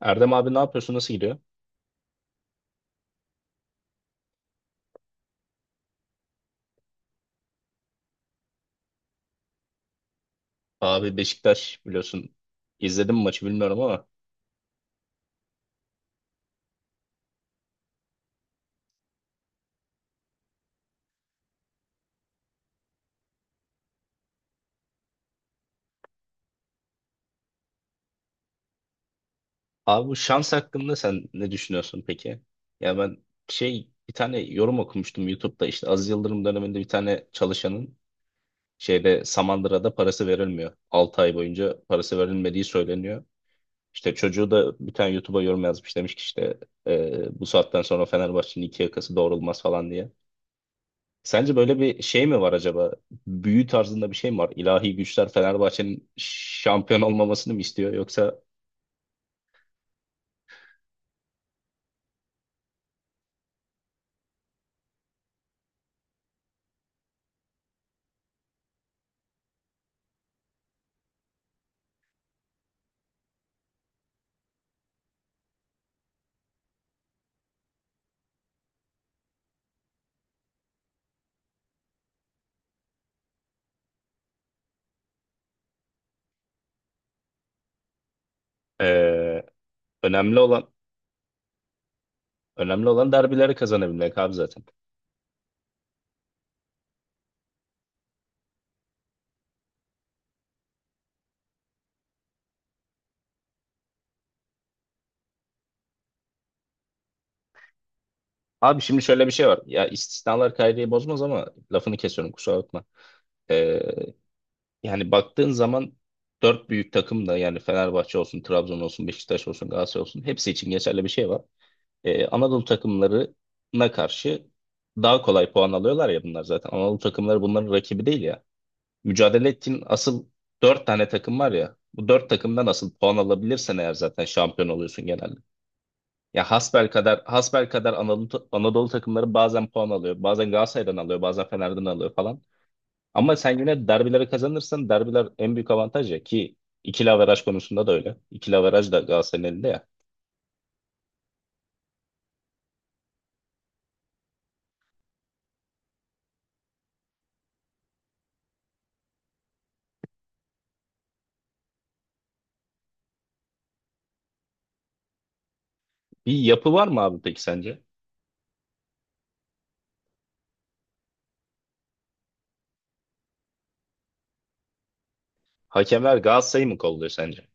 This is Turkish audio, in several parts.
Erdem abi ne yapıyorsun? Nasıl gidiyor? Abi Beşiktaş biliyorsun. İzledim mi maçı bilmiyorum ama. Abi bu şans hakkında sen ne düşünüyorsun peki? Ya ben bir tane yorum okumuştum YouTube'da işte Aziz Yıldırım döneminde bir tane çalışanın Samandıra'da parası verilmiyor. 6 ay boyunca parası verilmediği söyleniyor. İşte çocuğu da bir tane YouTube'a yorum yazmış demiş ki işte bu saatten sonra Fenerbahçe'nin iki yakası doğrulmaz falan diye. Sence böyle bir şey mi var acaba? Büyü tarzında bir şey mi var? İlahi güçler Fenerbahçe'nin şampiyon olmamasını mı istiyor? Yoksa eee, önemli olan önemli olan derbileri kazanabilmek abi zaten. Abi şimdi şöyle bir şey var. Ya istisnalar kaideyi bozmaz ama lafını kesiyorum kusura bakma. Eee, Yani baktığın zaman dört büyük takım da yani Fenerbahçe olsun, Trabzon olsun, Beşiktaş olsun, Galatasaray olsun hepsi için geçerli bir şey var. Anadolu takımlarına karşı daha kolay puan alıyorlar ya bunlar zaten. Anadolu takımları bunların rakibi değil ya. Mücadele ettiğin asıl dört tane takım var ya. Bu dört takımdan asıl puan alabilirsen eğer zaten şampiyon oluyorsun genelde. Ya hasbelkader Anadolu takımları bazen puan alıyor. Bazen Galatasaray'dan alıyor, bazen Fener'den alıyor falan. Ama sen yine derbileri kazanırsan derbiler en büyük avantaj ya ki ikili averaj konusunda da öyle. İkili averaj da Galatasaray'ın elinde ya. Bir yapı var mı abi peki sence? Hakemler Galatasaray'ı mı kolluyor sence?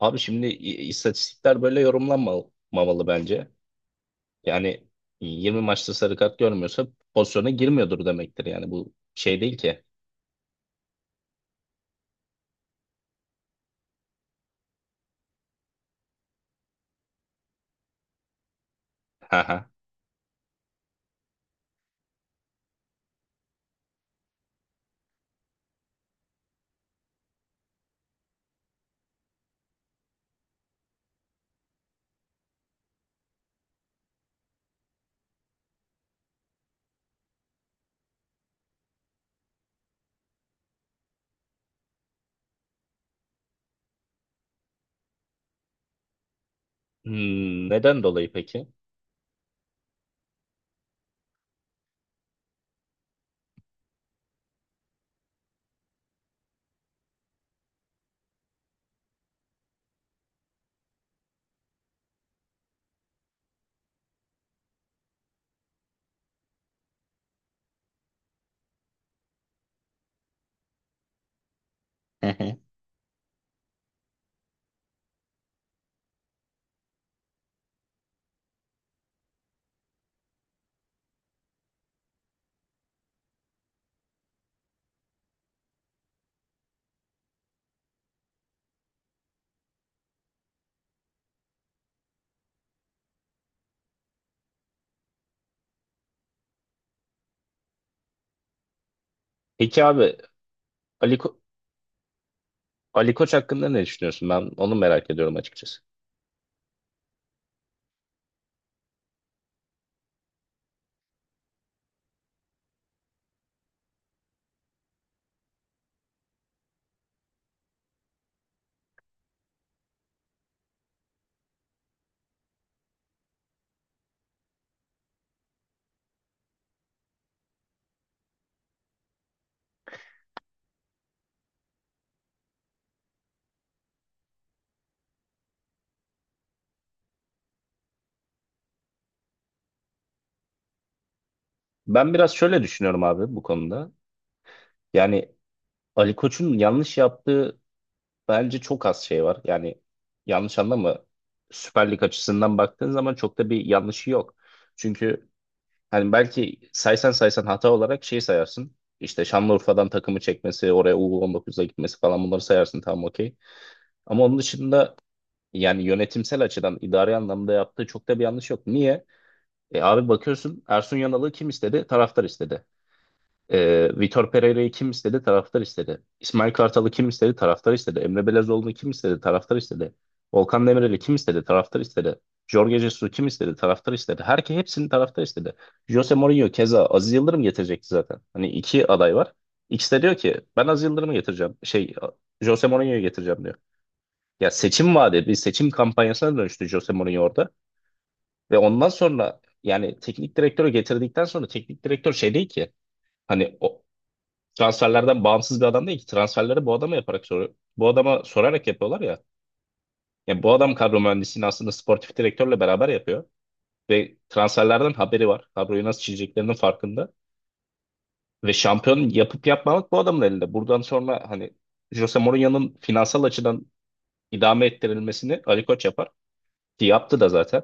Abi şimdi istatistikler böyle yorumlanmamalı bence. Yani 20 maçta sarı kart görmüyorsa pozisyona girmiyordur demektir. Yani bu şey değil ki. Haha. Hmm, neden dolayı peki? Hı hı. Peki abi Ali, Ko- Ali Koç hakkında ne düşünüyorsun? Ben onu merak ediyorum açıkçası. Ben biraz şöyle düşünüyorum abi bu konuda. Yani Ali Koç'un yanlış yaptığı bence çok az şey var. Yani yanlış anlama, Süper Lig açısından baktığın zaman çok da bir yanlışı yok. Çünkü hani belki saysan saysan hata olarak şey sayarsın. İşte Şanlıurfa'dan takımı çekmesi, oraya U19'a gitmesi falan bunları sayarsın, tamam, okey. Ama onun dışında yani yönetimsel açıdan idari anlamda yaptığı çok da bir yanlış yok. Niye? E abi bakıyorsun, Ersun Yanal'ı kim istedi? Taraftar istedi. Vitor Pereira'yı kim istedi? Taraftar istedi. İsmail Kartal'ı kim istedi? Taraftar istedi. Emre Belezoğlu'nu kim istedi? Taraftar istedi. Volkan Demirel'i kim istedi? Taraftar istedi. Jorge Jesus'u kim istedi? Taraftar istedi. Herkes hepsini taraftar istedi. Jose Mourinho keza Aziz Yıldırım getirecekti zaten. Hani iki aday var. İkisi de diyor ki ben Aziz Yıldırım'ı getireceğim. Jose Mourinho'yu getireceğim diyor. Ya seçim vaadi bir seçim kampanyasına dönüştü Jose Mourinho orada. Ve ondan sonra yani teknik direktörü getirdikten sonra teknik direktör şey değil ki. Hani o, transferlerden bağımsız bir adam değil ki. Transferleri bu adama yaparak, soru bu adama sorarak yapıyorlar ya. Yani bu adam kadro mühendisliğini aslında sportif direktörle beraber yapıyor ve transferlerden haberi var. Kadroyu nasıl çizeceklerinin farkında ve şampiyon yapıp yapmamak bu adamın elinde. Buradan sonra hani Jose Mourinho'nun finansal açıdan idame ettirilmesini Ali Koç yapar ki yaptı da zaten.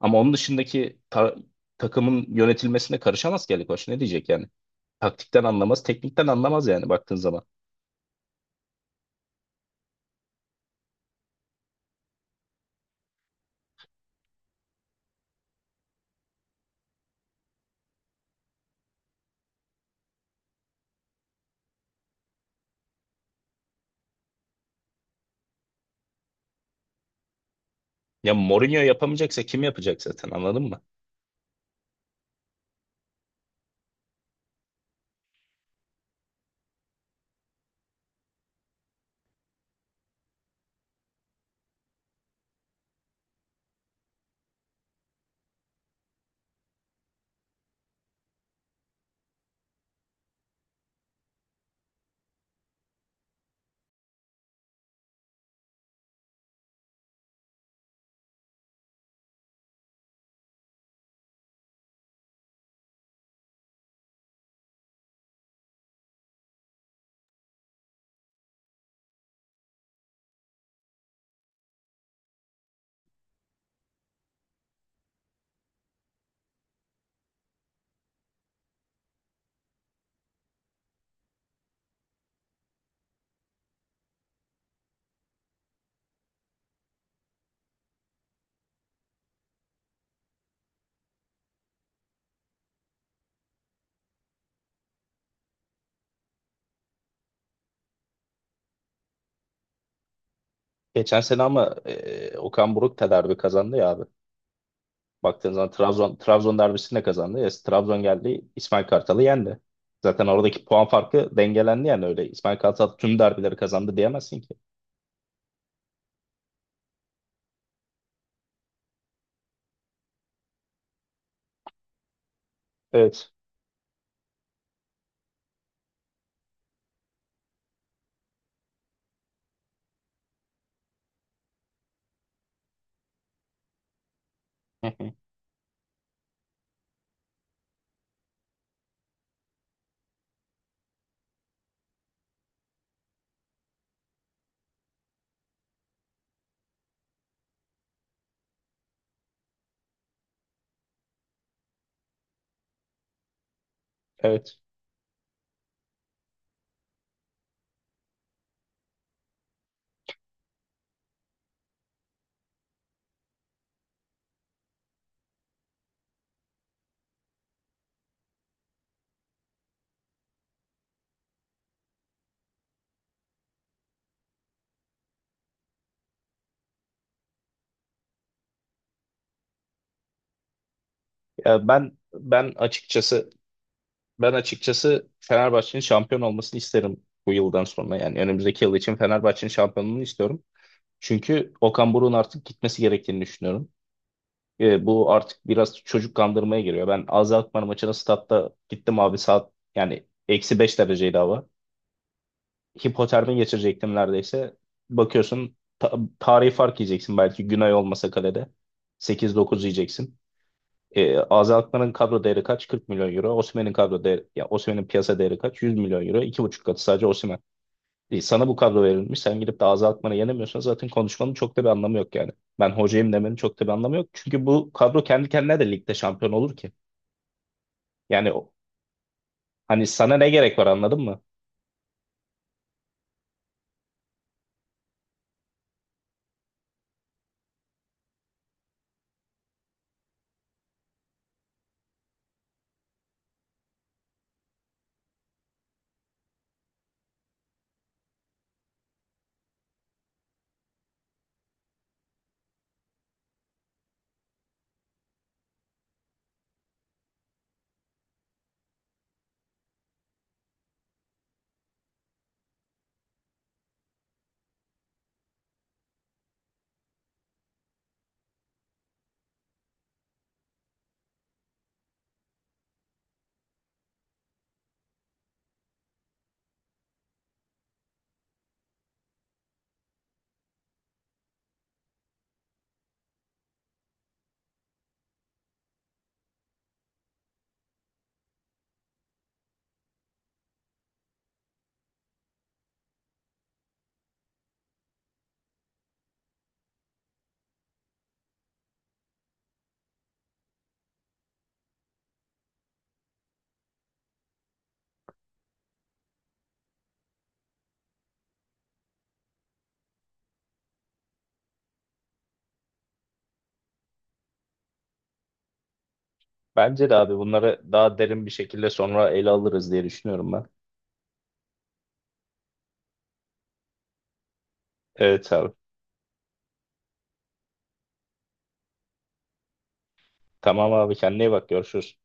Ama onun dışındaki takımın yönetilmesine karışamaz ki Ali Koç. Ne diyecek yani? Taktikten anlamaz, teknikten anlamaz yani baktığın zaman. Ya Mourinho yapamayacaksa kim yapacak zaten, anladın mı? Geçen sene ama Okan Buruk da derbi kazandı ya abi. Baktığın zaman Trabzon derbisini de kazandı. Ya, Trabzon geldi İsmail Kartal'ı yendi. Zaten oradaki puan farkı dengelendi yani öyle. İsmail Kartal tüm derbileri kazandı diyemezsin ki. Evet. Hı hı. Evet. Ya ben açıkçası Fenerbahçe'nin şampiyon olmasını isterim bu yıldan sonra. Yani önümüzdeki yıl için Fenerbahçe'nin şampiyonluğunu istiyorum. Çünkü Okan Buruk'un artık gitmesi gerektiğini düşünüyorum. Bu artık biraz çocuk kandırmaya giriyor. Ben AZ Alkmaar maçına statta gittim abi, saat yani -5 dereceydi hava. Hipotermi geçirecektim neredeyse. Bakıyorsun tarihi fark yiyeceksin belki Günay olmasa kalede. 8-9 yiyeceksin. AZ Alkmaar'ın kadro değeri kaç? 40 milyon euro. Osimhen'in kadro değeri, ya Osimhen'in piyasa değeri kaç? 100 milyon euro. 2,5 katı sadece Osimhen. Sana bu kadro verilmiş. Sen gidip de azaltmanı yenemiyorsan zaten konuşmanın çok da bir anlamı yok yani. Ben hocayım demenin çok da bir anlamı yok. Çünkü bu kadro kendi kendine de ligde şampiyon olur ki. Yani hani sana ne gerek var, anladın mı? Bence de abi bunları daha derin bir şekilde sonra ele alırız diye düşünüyorum ben. Evet abi. Tamam abi, kendine iyi bak, görüşürüz.